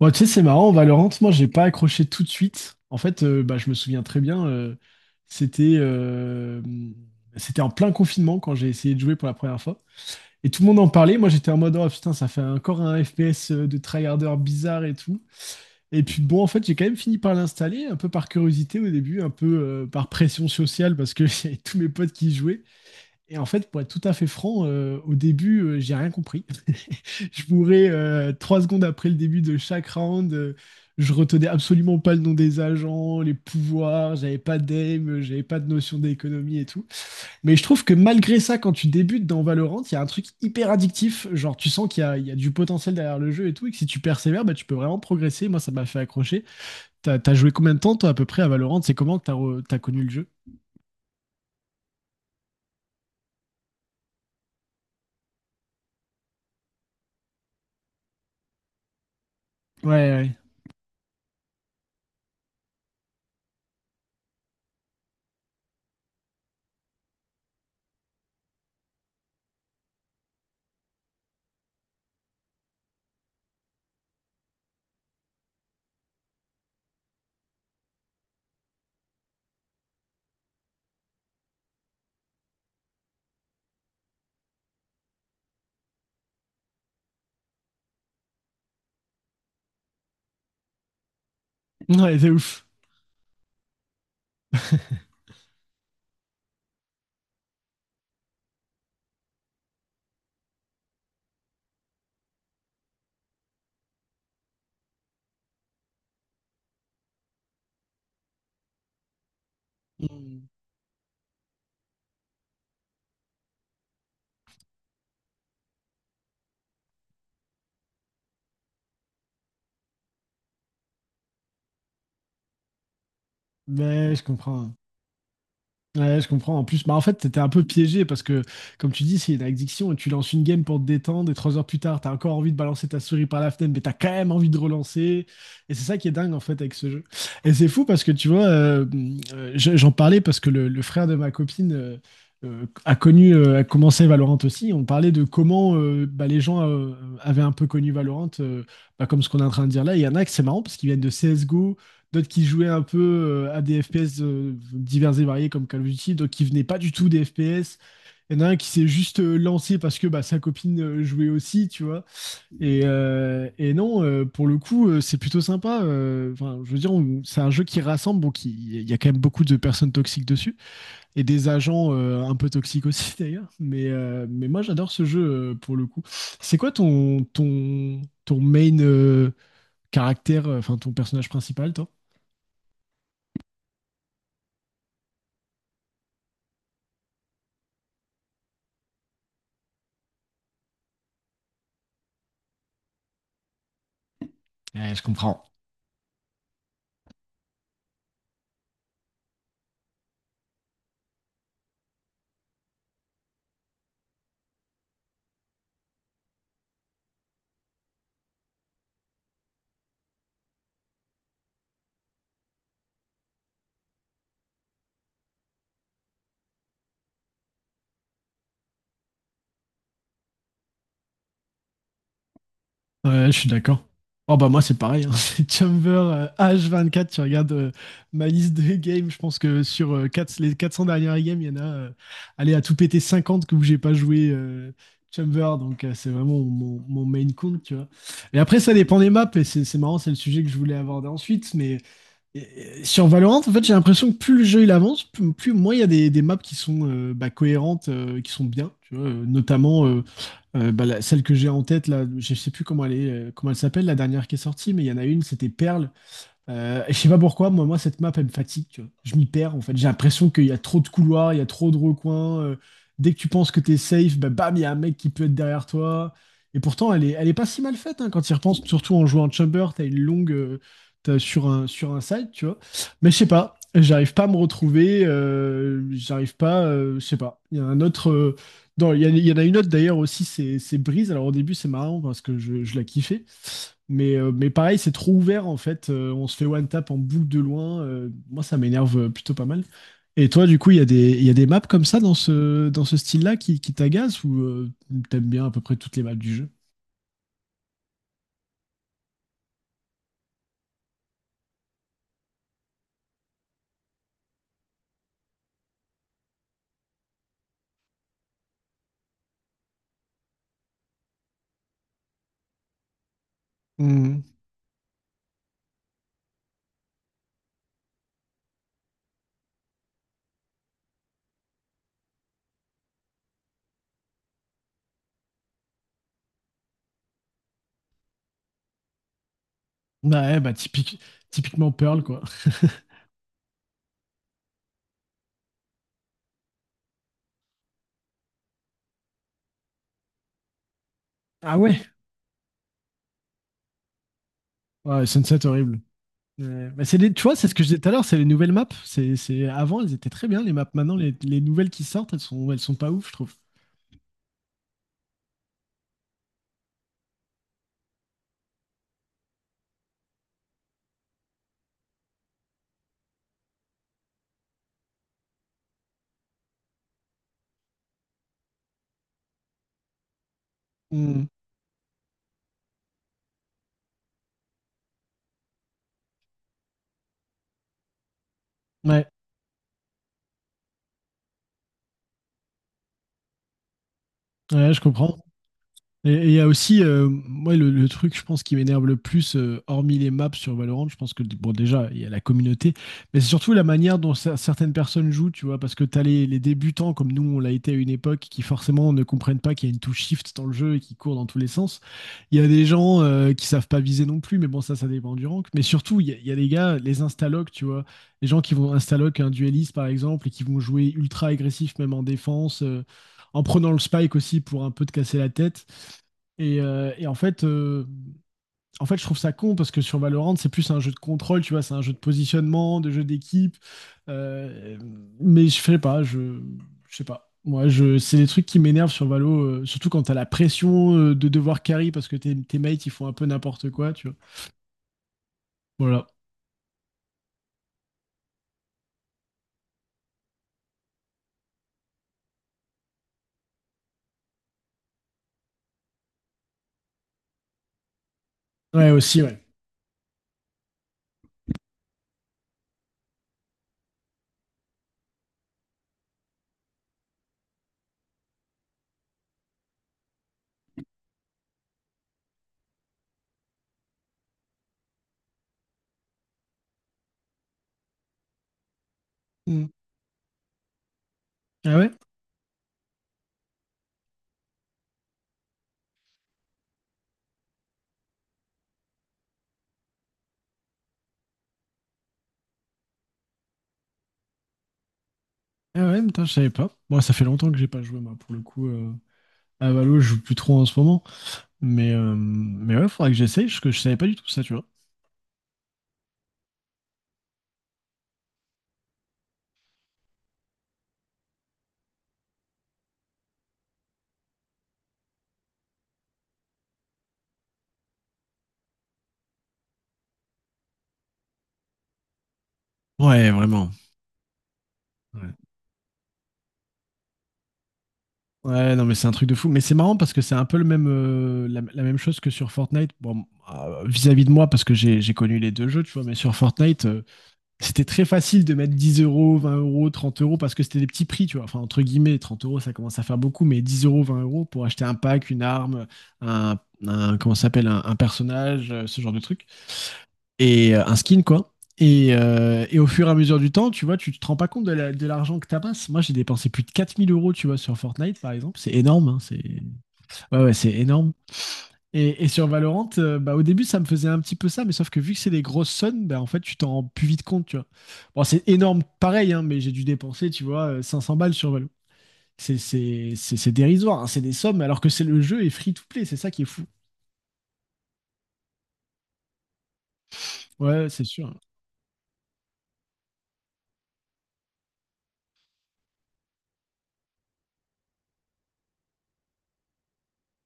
Bon, tu sais, c'est marrant, Valorant, moi, j'ai pas accroché tout de suite. En fait, je me souviens très bien, c'était euh, c'était en plein confinement quand j'ai essayé de jouer pour la première fois. Et tout le monde en parlait. Moi, j'étais en mode, oh putain, ça fait encore un FPS de tryharder bizarre et tout. Et puis, bon, en fait, j'ai quand même fini par l'installer, un peu par curiosité au début, un peu par pression sociale, parce que j'avais tous mes potes qui y jouaient. Et en fait, pour être tout à fait franc, au début, j'ai rien compris. Je bourrais trois secondes après le début de chaque round. Je retenais absolument pas le nom des agents, les pouvoirs, j'avais pas d'aim, j'avais pas de notion d'économie et tout. Mais je trouve que malgré ça, quand tu débutes dans Valorant, il y a un truc hyper addictif. Genre, tu sens qu'il y a du potentiel derrière le jeu et tout, et que si tu persévères, bah, tu peux vraiment progresser. Moi, ça m'a fait accrocher. T'as joué combien de temps, toi, à peu près, à Valorant? C'est comment que t'as connu le jeu? Ouais, ouais. Ouais, c'est ouf. Mm. Mais je comprends. Ouais, je comprends. En plus, bah, en fait, t'étais un peu piégé parce que, comme tu dis, c'est une addiction et tu lances une game pour te détendre et trois heures plus tard, t'as encore envie de balancer ta souris par la fenêtre, mais t'as quand même envie de relancer. Et c'est ça qui est dingue, en fait, avec ce jeu. Et c'est fou parce que, tu vois, j'en parlais parce que le frère de ma copine euh, a commencé Valorant aussi. On parlait de comment bah, les gens avaient un peu connu Valorant, bah, comme ce qu'on est en train de dire là. Il y en a que c'est marrant parce qu'ils viennent de CSGO, d'autres qui jouaient un peu à des FPS divers et variés comme Call of Duty, d'autres qui venaient pas du tout des FPS. Il y en a un qui s'est juste lancé parce que bah, sa copine jouait aussi, tu vois. Et non, pour le coup, c'est plutôt sympa. Enfin, je veux dire, c'est un jeu qui rassemble, bon, il y a quand même beaucoup de personnes toxiques dessus et des agents un peu toxiques aussi d'ailleurs. Mais moi, j'adore ce jeu pour le coup. C'est quoi ton main caractère, enfin ton personnage principal, toi? Ouais, je comprends. Ouais, je suis d'accord. Oh bah moi c'est pareil, hein. C'est Chamber H24, tu regardes ma liste de games, je pense que sur euh, les 400 dernières games, il y en a allez, à tout péter 50 que où j'ai pas joué Chamber, donc c'est vraiment mon, mon main compte, tu vois. Et après ça dépend des maps, et c'est marrant, c'est le sujet que je voulais aborder ensuite, mais et sur Valorant, en fait, j'ai l'impression que plus le jeu il avance, plus moins il y a des maps qui sont bah, cohérentes, qui sont bien, tu vois, notamment bah, celle que j'ai en tête là, je sais plus comment elle est, comment elle s'appelle la dernière qui est sortie, mais il y en a une, c'était Pearl, et je sais pas pourquoi, moi, cette map, elle me fatigue, tu vois. Je m'y perds, en fait. J'ai l'impression qu'il y a trop de couloirs, il y a trop de recoins. Dès que tu penses que t'es safe, bah, bam, il y a un mec qui peut être derrière toi. Et pourtant, elle est pas si mal faite, hein, quand tu y repenses, surtout en jouant en chamber, t'as une longue, t'as sur un side, tu vois. Mais je sais pas, j'arrive pas à me retrouver, j'arrive pas, je sais pas. Il y a un autre, euh, non, il y en a une autre d'ailleurs aussi, c'est Breeze. Alors au début, c'est marrant parce que je la kiffais. Mais pareil, c'est trop ouvert en fait. On se fait one tap en boucle de loin. Moi, ça m'énerve plutôt pas mal. Et toi, du coup, il y a des maps comme ça dans dans ce style-là qui t'agacent ou t'aimes bien à peu près toutes les maps du jeu? Hmm. Ouais, typiquement Pearl, quoi. Ah ouais. Ouais, Sunset horrible. Ouais, mais c'est les, tu vois, c'est ce que je disais tout à l'heure, c'est les nouvelles maps. Avant, elles étaient très bien, les maps. Maintenant, les nouvelles qui sortent, elles sont pas ouf, je trouve. Hmm. Ouais, ouais, je comprends. Et il y a aussi, moi, le truc, je pense, qui m'énerve le plus, hormis les maps sur Valorant, je pense que, bon, déjà, il y a la communauté, mais c'est surtout la manière dont certaines personnes jouent, tu vois, parce que t'as les débutants, comme nous, on l'a été à une époque, qui forcément ne comprennent pas qu'il y a une touche shift dans le jeu et qui courent dans tous les sens. Il y a des gens qui savent pas viser non plus, mais bon, ça dépend du rank. Mais surtout, il y a des gars, les instalocs, tu vois, les gens qui vont instaloc un dueliste, par exemple, et qui vont jouer ultra agressif, même en défense, en prenant le spike aussi pour un peu te casser la tête. Et en fait, je trouve ça con parce que sur Valorant, c'est plus un jeu de contrôle, tu vois, c'est un jeu de positionnement, de jeu d'équipe. Euh, mais je sais pas, je sais pas. Moi, je, C'est des trucs qui m'énervent sur Valo, surtout quand t'as la pression de devoir carry parce que tes mates ils font un peu n'importe quoi, tu vois. Voilà. Ouais, aussi, ouais. Mm. Ah ouais? Ah ouais, putain, je savais pas. Moi, ça fait longtemps que j'ai pas joué, moi, pour le coup. À Valo, je joue plus trop en ce moment. Mais ouais, faudrait que j'essaye, parce que je savais pas du tout ça, tu vois. Ouais, vraiment. Ouais. Ouais, non, mais c'est un truc de fou. Mais c'est marrant parce que c'est un peu le même, euh, la même chose que sur Fortnite. Bon, vis-à-vis de moi, parce que j'ai connu les deux jeux, tu vois, mais sur Fortnite, c'était très facile de mettre 10 euros, 20 euros, 30 euros, parce que c'était des petits prix, tu vois. Enfin, entre guillemets, 30 euros, ça commence à faire beaucoup, mais 10 euros, 20 euros pour acheter un pack, une arme, un, comment ça s'appelle, un personnage, ce genre de truc et un skin, quoi. Et au fur et à mesure du temps, tu vois, tu te rends pas compte de de l'argent que tu amasses. Moi, j'ai dépensé plus de 4000 euros, tu vois, sur Fortnite, par exemple. C'est énorme, hein, c'est... Ouais, ouais, c'est énorme. Et sur Valorant, bah, au début, ça me faisait un petit peu ça, mais sauf que vu que c'est des grosses sommes, bah, en fait, tu t'en rends plus vite compte, tu vois. Bon, c'est énorme, pareil, hein, mais j'ai dû dépenser, tu vois, 500 balles sur Valo. C'est dérisoire, hein, c'est des sommes, alors que c'est le jeu est free to play, c'est ça qui est fou. Ouais, c'est sûr.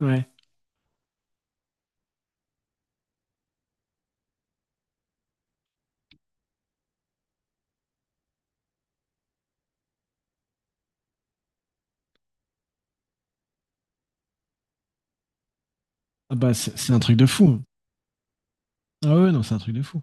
Ouais. Ah bah, c'est un truc de fou. Ah ouais, non, c'est un truc de fou.